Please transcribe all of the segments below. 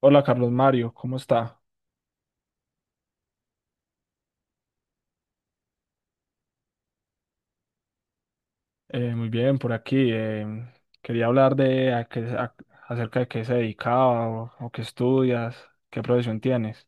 Hola Carlos Mario, ¿cómo está? Muy bien, por aquí. Quería hablar de acerca de qué se dedicaba o qué estudias, qué profesión tienes.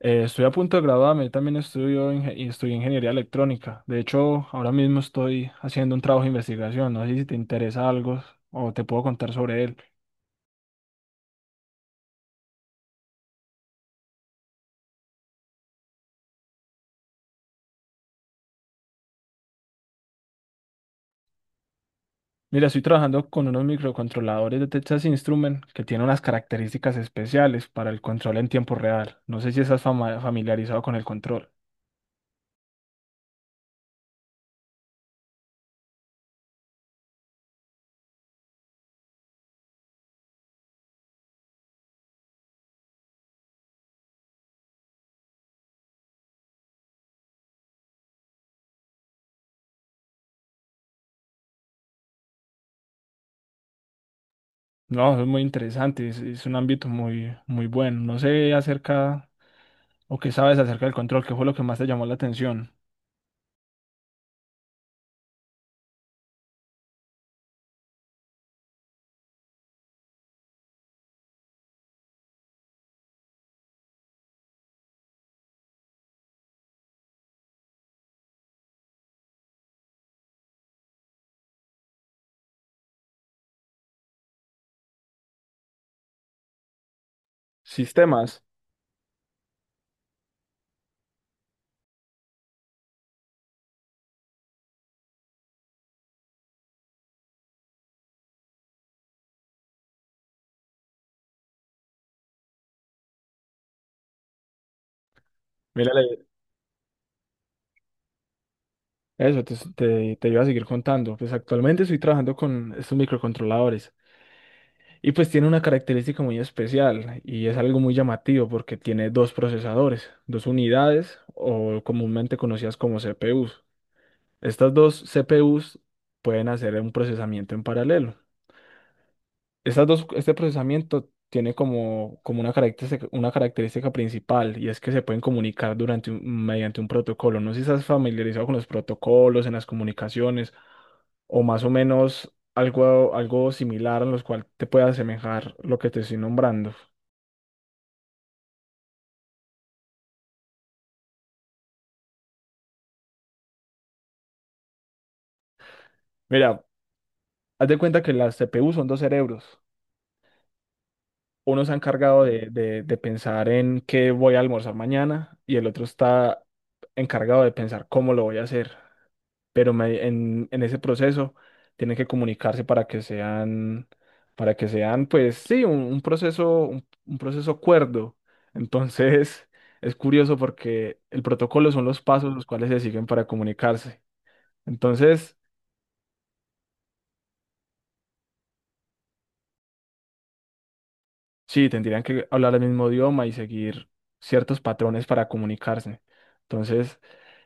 Estoy a punto de graduarme, yo también y estudié ingeniería electrónica. De hecho, ahora mismo estoy haciendo un trabajo de investigación. No sé si te interesa algo o te puedo contar sobre él. Mira, estoy trabajando con unos microcontroladores de Texas Instrument que tienen unas características especiales para el control en tiempo real. No sé si estás familiarizado con el control. No, eso es muy interesante, es un ámbito muy bueno. No sé acerca, o qué sabes acerca del control, qué fue lo que más te llamó la atención. Sistemas. Mira, eso te iba a seguir contando. Pues actualmente estoy trabajando con estos microcontroladores y pues tiene una característica muy especial y es algo muy llamativo porque tiene dos procesadores, dos unidades o comúnmente conocidas como CPUs. Estas dos CPUs pueden hacer un procesamiento en paralelo. Estas dos, este procesamiento tiene como una característica principal y es que se pueden comunicar mediante un protocolo. No sé si estás familiarizado con los protocolos en las comunicaciones o más o menos algo, algo similar en los cual te pueda asemejar lo que te estoy nombrando. Mira, haz de cuenta que las CPU son dos cerebros. Uno se ha encargado de pensar en qué voy a almorzar mañana y el otro está encargado de pensar cómo lo voy a hacer. En ese proceso tienen que comunicarse para que sean, pues sí, un proceso cuerdo. Entonces, es curioso porque el protocolo son los pasos los cuales se siguen para comunicarse. Entonces, sí, tendrían que hablar el mismo idioma y seguir ciertos patrones para comunicarse. Entonces,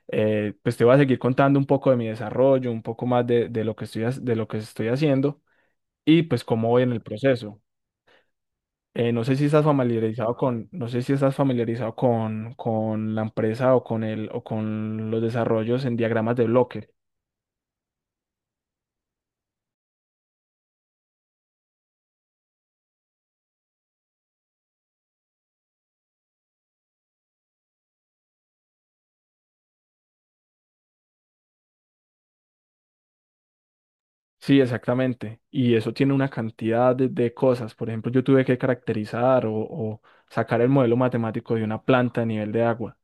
pues te voy a seguir contando un poco de mi desarrollo, un poco más de lo que de lo que estoy haciendo y pues cómo voy en el proceso. No sé si estás familiarizado con, no sé si estás familiarizado con la empresa o con el, o con los desarrollos en diagramas de bloque. Sí, exactamente. Y eso tiene una cantidad de cosas. Por ejemplo, yo tuve que caracterizar o sacar el modelo matemático de una planta a nivel de agua.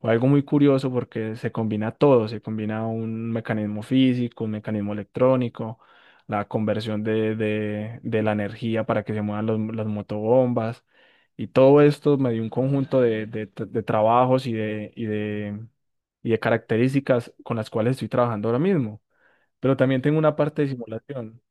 Fue algo muy curioso porque se combina todo, se combina un mecanismo físico, un mecanismo electrónico, la conversión de la energía para que se muevan las motobombas. Y todo esto me dio un conjunto de trabajos y de características con las cuales estoy trabajando ahora mismo. Pero también tengo una parte de simulación.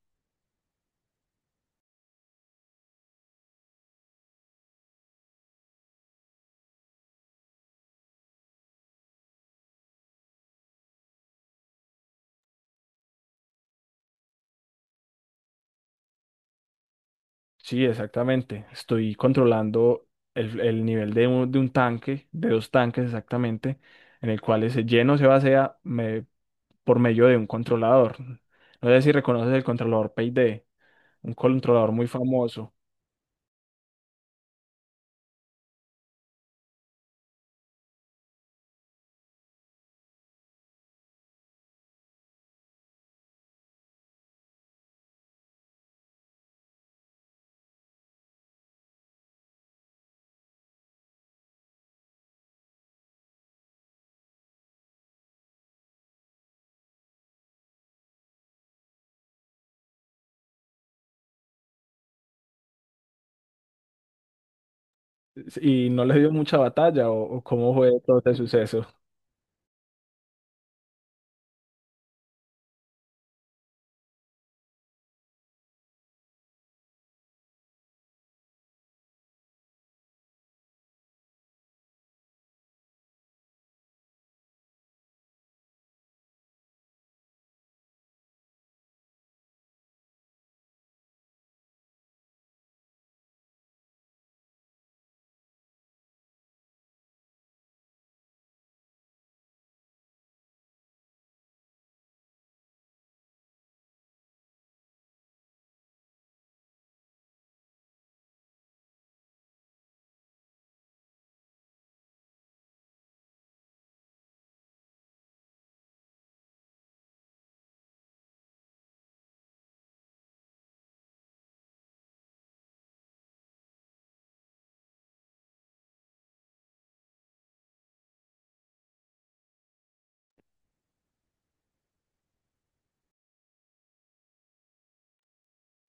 Sí, exactamente. Estoy controlando el nivel de un tanque, de dos tanques exactamente, en el cual ese lleno se por medio de un controlador. No sé si reconoces el controlador PyD, un controlador muy famoso. Y no le dio mucha batalla o cómo fue todo este suceso.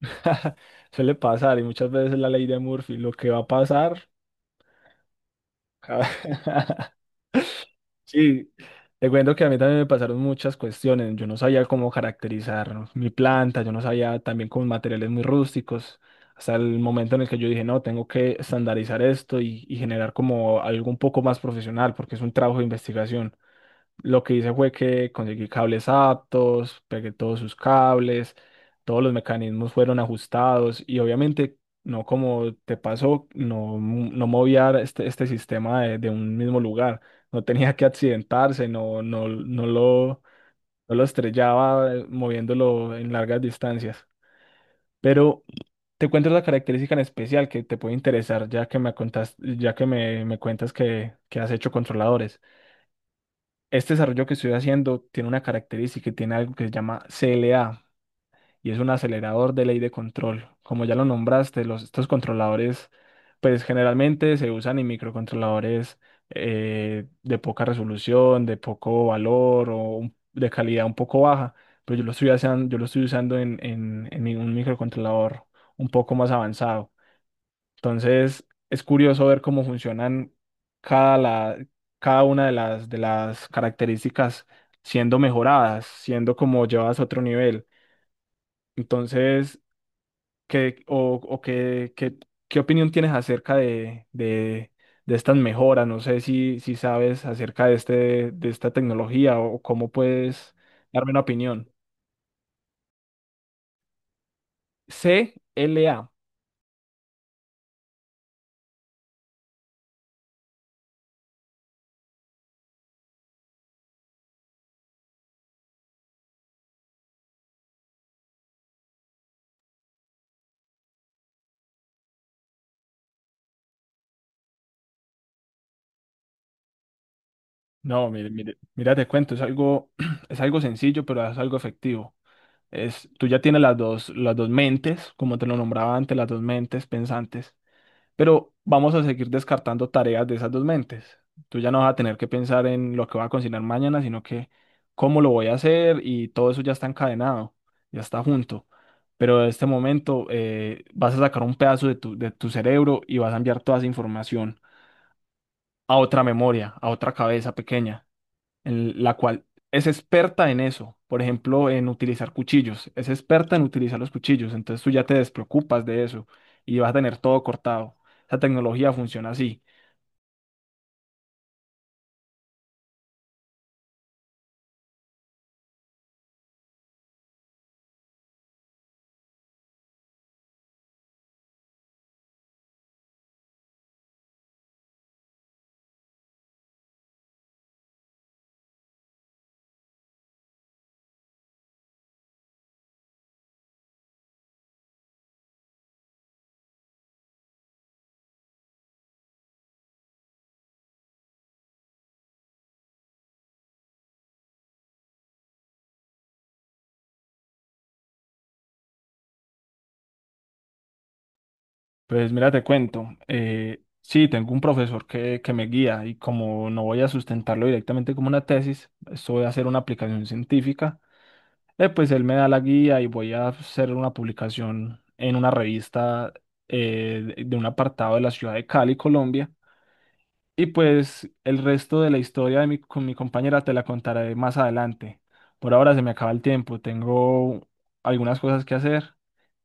Suele pasar y muchas veces la ley de Murphy, lo que va a pasar. Ca- Sí, te cuento que a mí también me pasaron muchas cuestiones. Yo no sabía cómo caracterizar mi planta, yo no sabía también con materiales muy rústicos. Hasta el momento en el que yo dije, no, tengo que estandarizar y generar como algo un poco más profesional, porque es un trabajo de investigación. Lo que hice fue que conseguí cables aptos, pegué todos sus cables, todos los mecanismos fueron ajustados y obviamente no como te pasó, no, no movía este sistema de un mismo lugar, no tenía que accidentarse, no no lo estrellaba moviéndolo en largas distancias. Pero te cuento la característica en especial que te puede interesar ya que me contas, ya que me cuentas que has hecho controladores. Este desarrollo que estoy haciendo tiene una característica y tiene algo que se llama CLA y es un acelerador de ley de control. Como ya lo nombraste, los, estos controladores, pues generalmente se usan en microcontroladores de poca resolución, de poco valor o de calidad un poco baja, pero yo lo estoy usando, yo lo estoy usando en un microcontrolador un poco más avanzado. Entonces, es curioso ver cómo funcionan cada, la, cada una de las características siendo mejoradas, siendo como llevadas a otro nivel. Entonces, ¿qué, o qué, qué, qué opinión tienes acerca de estas mejoras? No sé si, si sabes acerca de, este, de esta tecnología o cómo puedes darme una opinión. C L A. No, mira, te cuento, es algo, es algo sencillo, pero es algo efectivo. Es, tú ya tienes las dos mentes, como te lo nombraba antes, las dos mentes pensantes, pero vamos a seguir descartando tareas de esas dos mentes. Tú ya no vas a tener que pensar en lo que voy a cocinar mañana, sino que cómo lo voy a hacer y todo eso ya está encadenado, ya está junto. Pero en este momento vas a sacar un pedazo de tu cerebro y vas a enviar toda esa información a otra memoria, a otra cabeza pequeña en la cual es experta en eso, por ejemplo, en utilizar cuchillos, es experta en utilizar los cuchillos, entonces tú ya te despreocupas de eso y vas a tener todo cortado. Esa tecnología funciona así. Pues mira, te cuento, sí, tengo un profesor que me guía y como no voy a sustentarlo directamente como una tesis, esto voy a hacer una aplicación científica, pues él me da la guía y voy a hacer una publicación en una revista de un apartado de la ciudad de Cali, Colombia. Y pues el resto de la historia de mi, con mi compañera te la contaré más adelante. Por ahora se me acaba el tiempo, tengo algunas cosas que hacer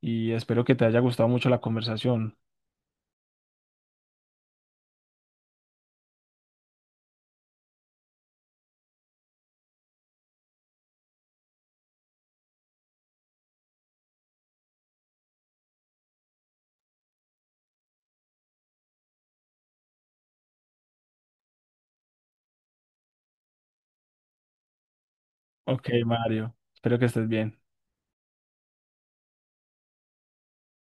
y espero que te haya gustado mucho la conversación. Ok, Mario, espero que estés bien.